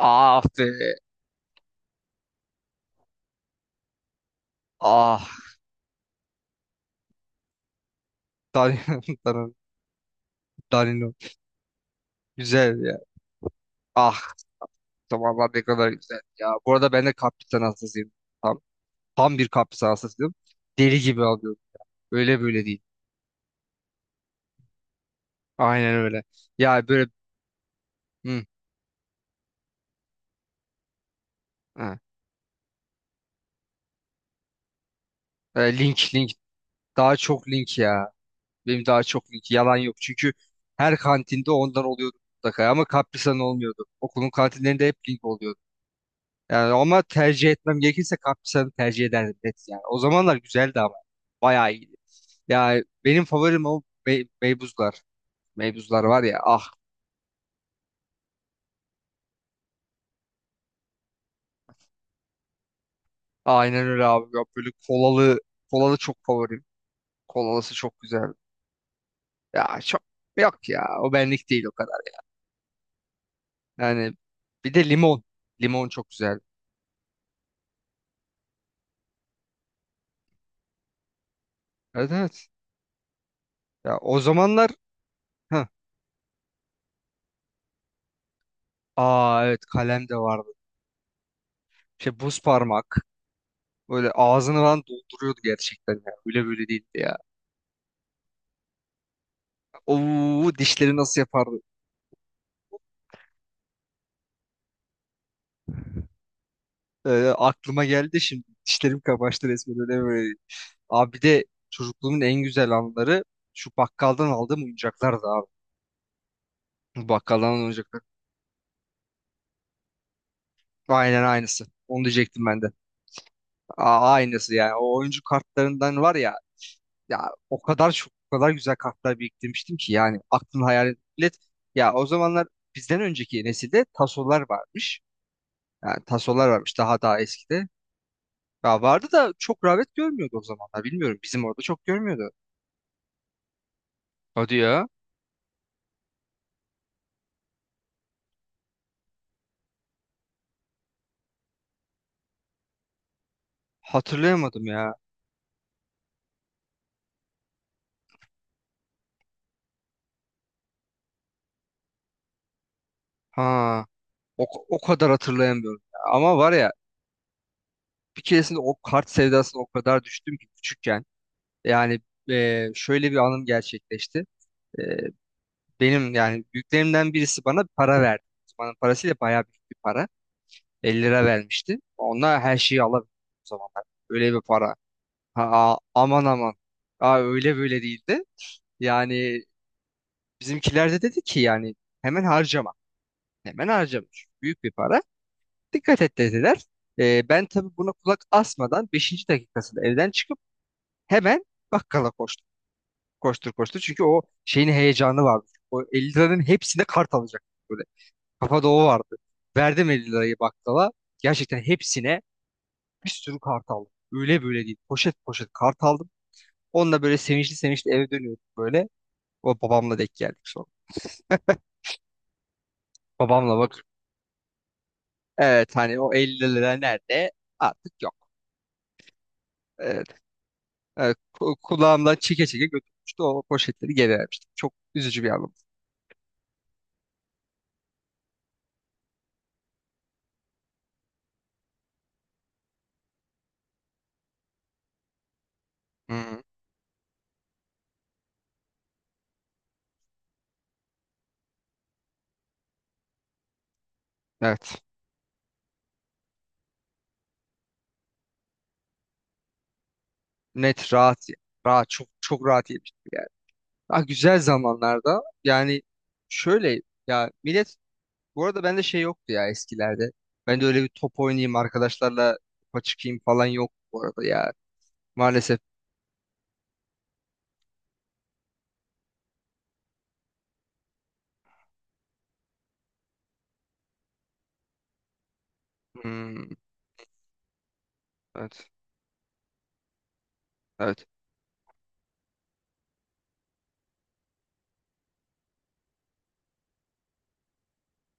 Ah be. Ah. Danilo. Danilo. Danilo. Güzel ya. Ah. Zamanlar ne kadar güzel ya. Bu arada ben de kaptan hastasıyım. Tam, tam bir kaptan hastasıyım. Deli gibi alıyorum. Öyle böyle değil. Aynen öyle. Ya böyle, hı, ha. E, link link. Daha çok link ya. Benim daha çok link. Yalan yok. Çünkü her kantinde ondan oluyordu mutlaka. Ama Kaprisa'nın olmuyordu. Okulun kantinlerinde hep link oluyordu. Yani ama tercih etmem gerekirse Kaptisan'ı tercih ederdim, net yani. O zamanlar güzeldi ama. Bayağı iyiydi. Ya benim favorim o Meybuzlar. Meybuzlar var ya, ah. Aynen öyle abi. Ya böyle kolalı, kolalı çok favorim. Kolalısı çok güzel. Ya çok, yok ya. O benlik değil o kadar. Yani bir de limon. Limon çok güzel. Evet, evet. Ya o zamanlar, heh. Aa evet, kalem de vardı. Şey, buz parmak. Böyle ağzını falan dolduruyordu gerçekten ya. Öyle böyle değildi ya. Oo, dişleri nasıl yapardı? Ee, Aklıma geldi şimdi. Dişlerim kamaştı resmen, öyle böyle. Abi bir de çocukluğumun en güzel anları şu bakkaldan aldığım oyuncaklardı abi. Bu bakkaldan aldığım oyuncaklar. Aynen aynısı. Onu diyecektim ben de. Aa, aynısı yani. O oyuncu kartlarından var ya, ya o kadar çok, o kadar güzel kartlar biriktirmiştim ki yani, aklın hayal et. Ya o zamanlar bizden önceki nesilde tasolar varmış. Yani tasolar varmış daha daha eskide. Ya vardı da çok rağbet görmüyordu o zamanlar. Bilmiyorum, bizim orada çok görmüyordu. Hadi ya. Hatırlayamadım ya. Ha. O kadar hatırlayamıyorum ya. Ama var ya, bir keresinde o kart sevdasına o kadar düştüm ki küçükken. Yani, şöyle bir anım gerçekleşti. E, Benim yani büyüklerimden birisi bana para verdi. O bana parasıyla bayağı büyük bir para. 50 lira vermişti. Onunla her şeyi alabiliyordum o zamanlar. Öyle bir para. Ha, aman aman. Aa, öyle böyle değildi. Yani bizimkiler de dedi ki yani hemen harcama. Hemen harcama. Çünkü büyük bir para. Dikkat et, dediler. Ben tabii buna kulak asmadan beşinci dakikasında evden çıkıp hemen bakkala koştum. Koştur koştur. Çünkü o şeyin heyecanı vardı. O 50 liranın hepsine kart alacak. Böyle kafa doğu vardı. Verdim 50 lirayı bakkala. Gerçekten hepsine bir sürü kart aldım. Öyle böyle değil. Poşet poşet kart aldım. Onunla böyle sevinçli sevinçli eve dönüyorduk böyle. O babamla denk geldik sonra. Babamla, evet, hani o 50 lira nerede, artık yok. Evet, evet, kulağımdan çeke çeke götürmüştü, o poşetleri geri vermiştim. Çok üzücü bir anım. Hı, evet, net rahat ya. Rahat, çok çok rahat yemiştim yani. Ah güzel zamanlarda yani, şöyle, ya millet, bu arada bende şey yoktu ya eskilerde. Ben de öyle bir top oynayayım arkadaşlarla, topa çıkayım falan yok bu arada ya. Maalesef. Hmm, evet, evet,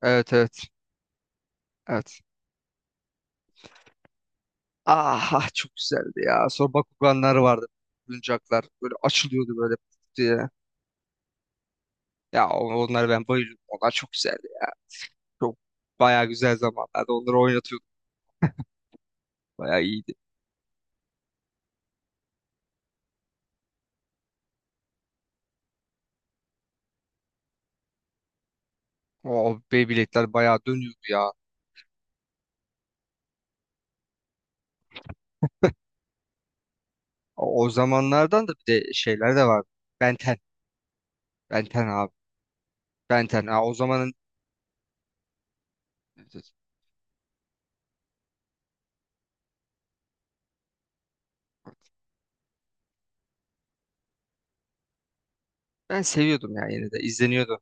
evet, evet, evet. Ah, ah, çok güzeldi ya. Sonra Bakuganlar vardı. Oyuncaklar böyle açılıyordu böyle diye. Ya onları ben bayılıyordum. Onlar çok güzeldi ya. Çok bayağı güzel zamanlarda onları oynatıyorduk. Bayağı iyiydi. O Beyblade'ler bayağı dönüyordu ya. O zamanlardan da bir de şeyler de vardı. Ben Ten. Ben Ten abi. Ben Ten. Ha, o zamanın. Evet, evet. Ben seviyordum ya, yine de izleniyordu.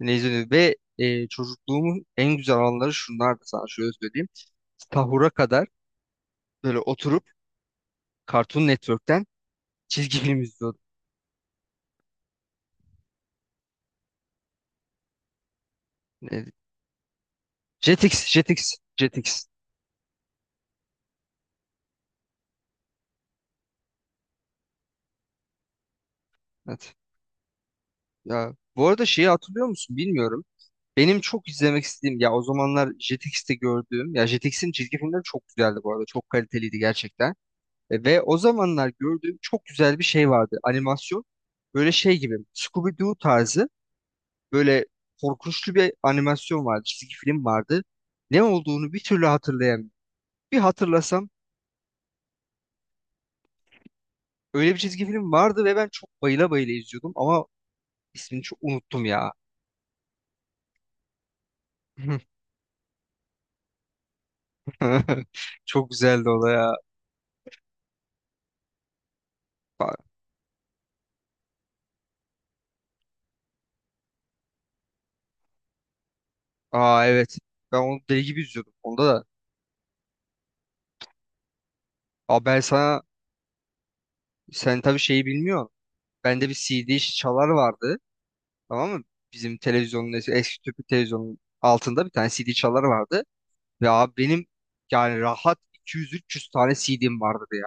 Yine izleniyordu. Ve çocukluğumun en güzel anları şunlardı, sana şöyle söyleyeyim. Sahura kadar böyle oturup Cartoon Network'ten çizgi film izliyordum. Ne- Jetix, Jetix, Jetix. Evet. Ya bu arada şeyi hatırlıyor musun bilmiyorum. Benim çok izlemek istediğim ya o zamanlar Jetix'te gördüğüm, ya Jetix'in çizgi filmleri çok güzeldi bu arada. Çok kaliteliydi gerçekten. Ve o zamanlar gördüğüm çok güzel bir şey vardı. Animasyon. Böyle şey gibi, Scooby-Doo tarzı böyle korkunçlu bir animasyon vardı. Çizgi film vardı. Ne olduğunu bir türlü hatırlayamıyorum. Bir hatırlasam, öyle bir çizgi film vardı ve ben çok bayıla bayıla izliyordum ama, İsmini çok unuttum ya. Çok güzeldi o da ya. Ba- Aa evet. Ben onu deli gibi izliyordum. Onda da. Aa ben sana, sen tabii şeyi bilmiyorsun. Bende bir CD çalar vardı. Tamam mı? Bizim televizyonun eski tüplü televizyonun altında bir tane CD çalar vardı. Ve abi benim yani rahat 200 300 tane CD'm vardı ya.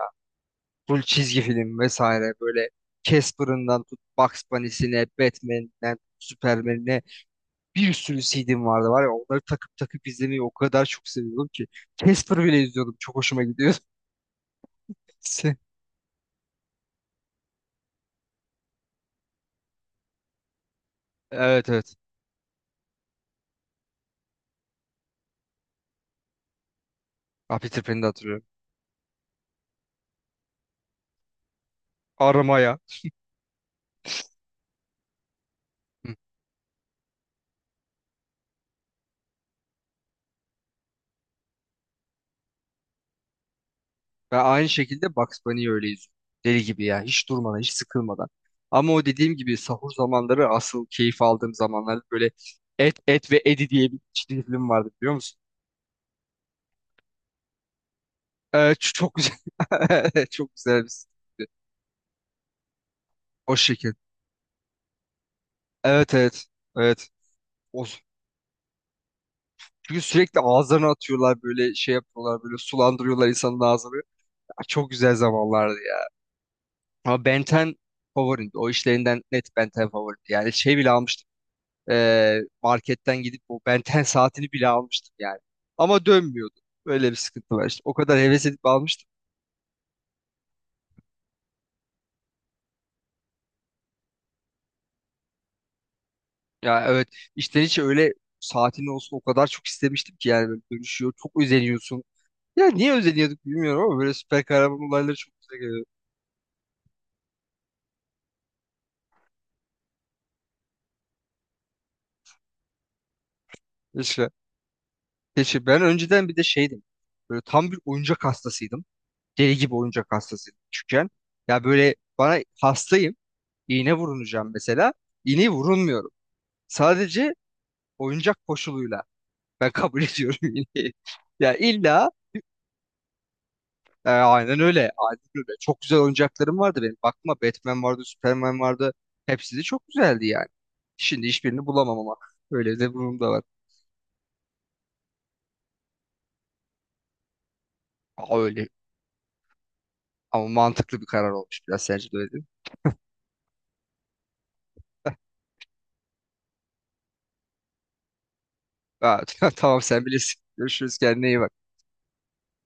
Full çizgi film vesaire, böyle Casper'ından tut Bugs Bunny'sine, Batman'den Superman'ine, bir sürü CD'm vardı var ya, onları takıp takıp izlemeyi o kadar çok seviyordum ki. Casper bile izliyordum. Çok hoşuma gidiyordu. Evet, evet. Ah, Peter Pan'i de hatırlıyorum. Aramaya. Hı. Ve aynı şekilde Bugs Bunny'i öyle izliyorum. Deli gibi ya. Hiç durmadan, hiç sıkılmadan. Ama o dediğim gibi sahur zamanları asıl keyif aldığım zamanlar, böyle Et, Et ve Eddie diye bir çizgi film vardı biliyor musun? Evet, çok güzel. Çok güzel. O şekil. Evet, evet. Evet. O, çünkü sürekli ağızlarına atıyorlar böyle, şey yapıyorlar böyle, sulandırıyorlar insanın ağzını. Ya çok güzel zamanlardı ya. Ama Ben 10 favorimdi. O işlerinden net Ben 10 favorimdi. Yani şey bile almıştım. Marketten gidip o Ben 10 saatini bile almıştım yani. Ama dönmüyordu. Öyle bir sıkıntı var işte. O kadar heves edip almıştım. Ya evet, içten içe öyle, saatin olsun o kadar çok istemiştim ki yani, böyle dönüşüyor. Çok özeniyorsun. Ya niye özeniyorduk bilmiyorum ama böyle süper kahraman olayları çok güzel geliyor. Keşke ben önceden bir de şeydim. Böyle tam bir oyuncak hastasıydım. Deli gibi oyuncak hastasıydım küçükken. Ya böyle bana hastayım. İğne vurulacağım mesela. İğneyi vurulmuyorum. Sadece oyuncak koşuluyla. Ben kabul ediyorum iğneyi. Ya illa, aynen öyle. Aynen öyle. Çok güzel oyuncaklarım vardı benim. Bakma, Batman vardı, Superman vardı. Hepsi de çok güzeldi yani. Şimdi hiçbirini bulamam ama. Öyle de bir da var. Aa, öyle. Ama mantıklı bir karar olmuş biraz. Sence de öyle değil mi? Aa, tamam sen bilirsin. Görüşürüz, kendine iyi bak.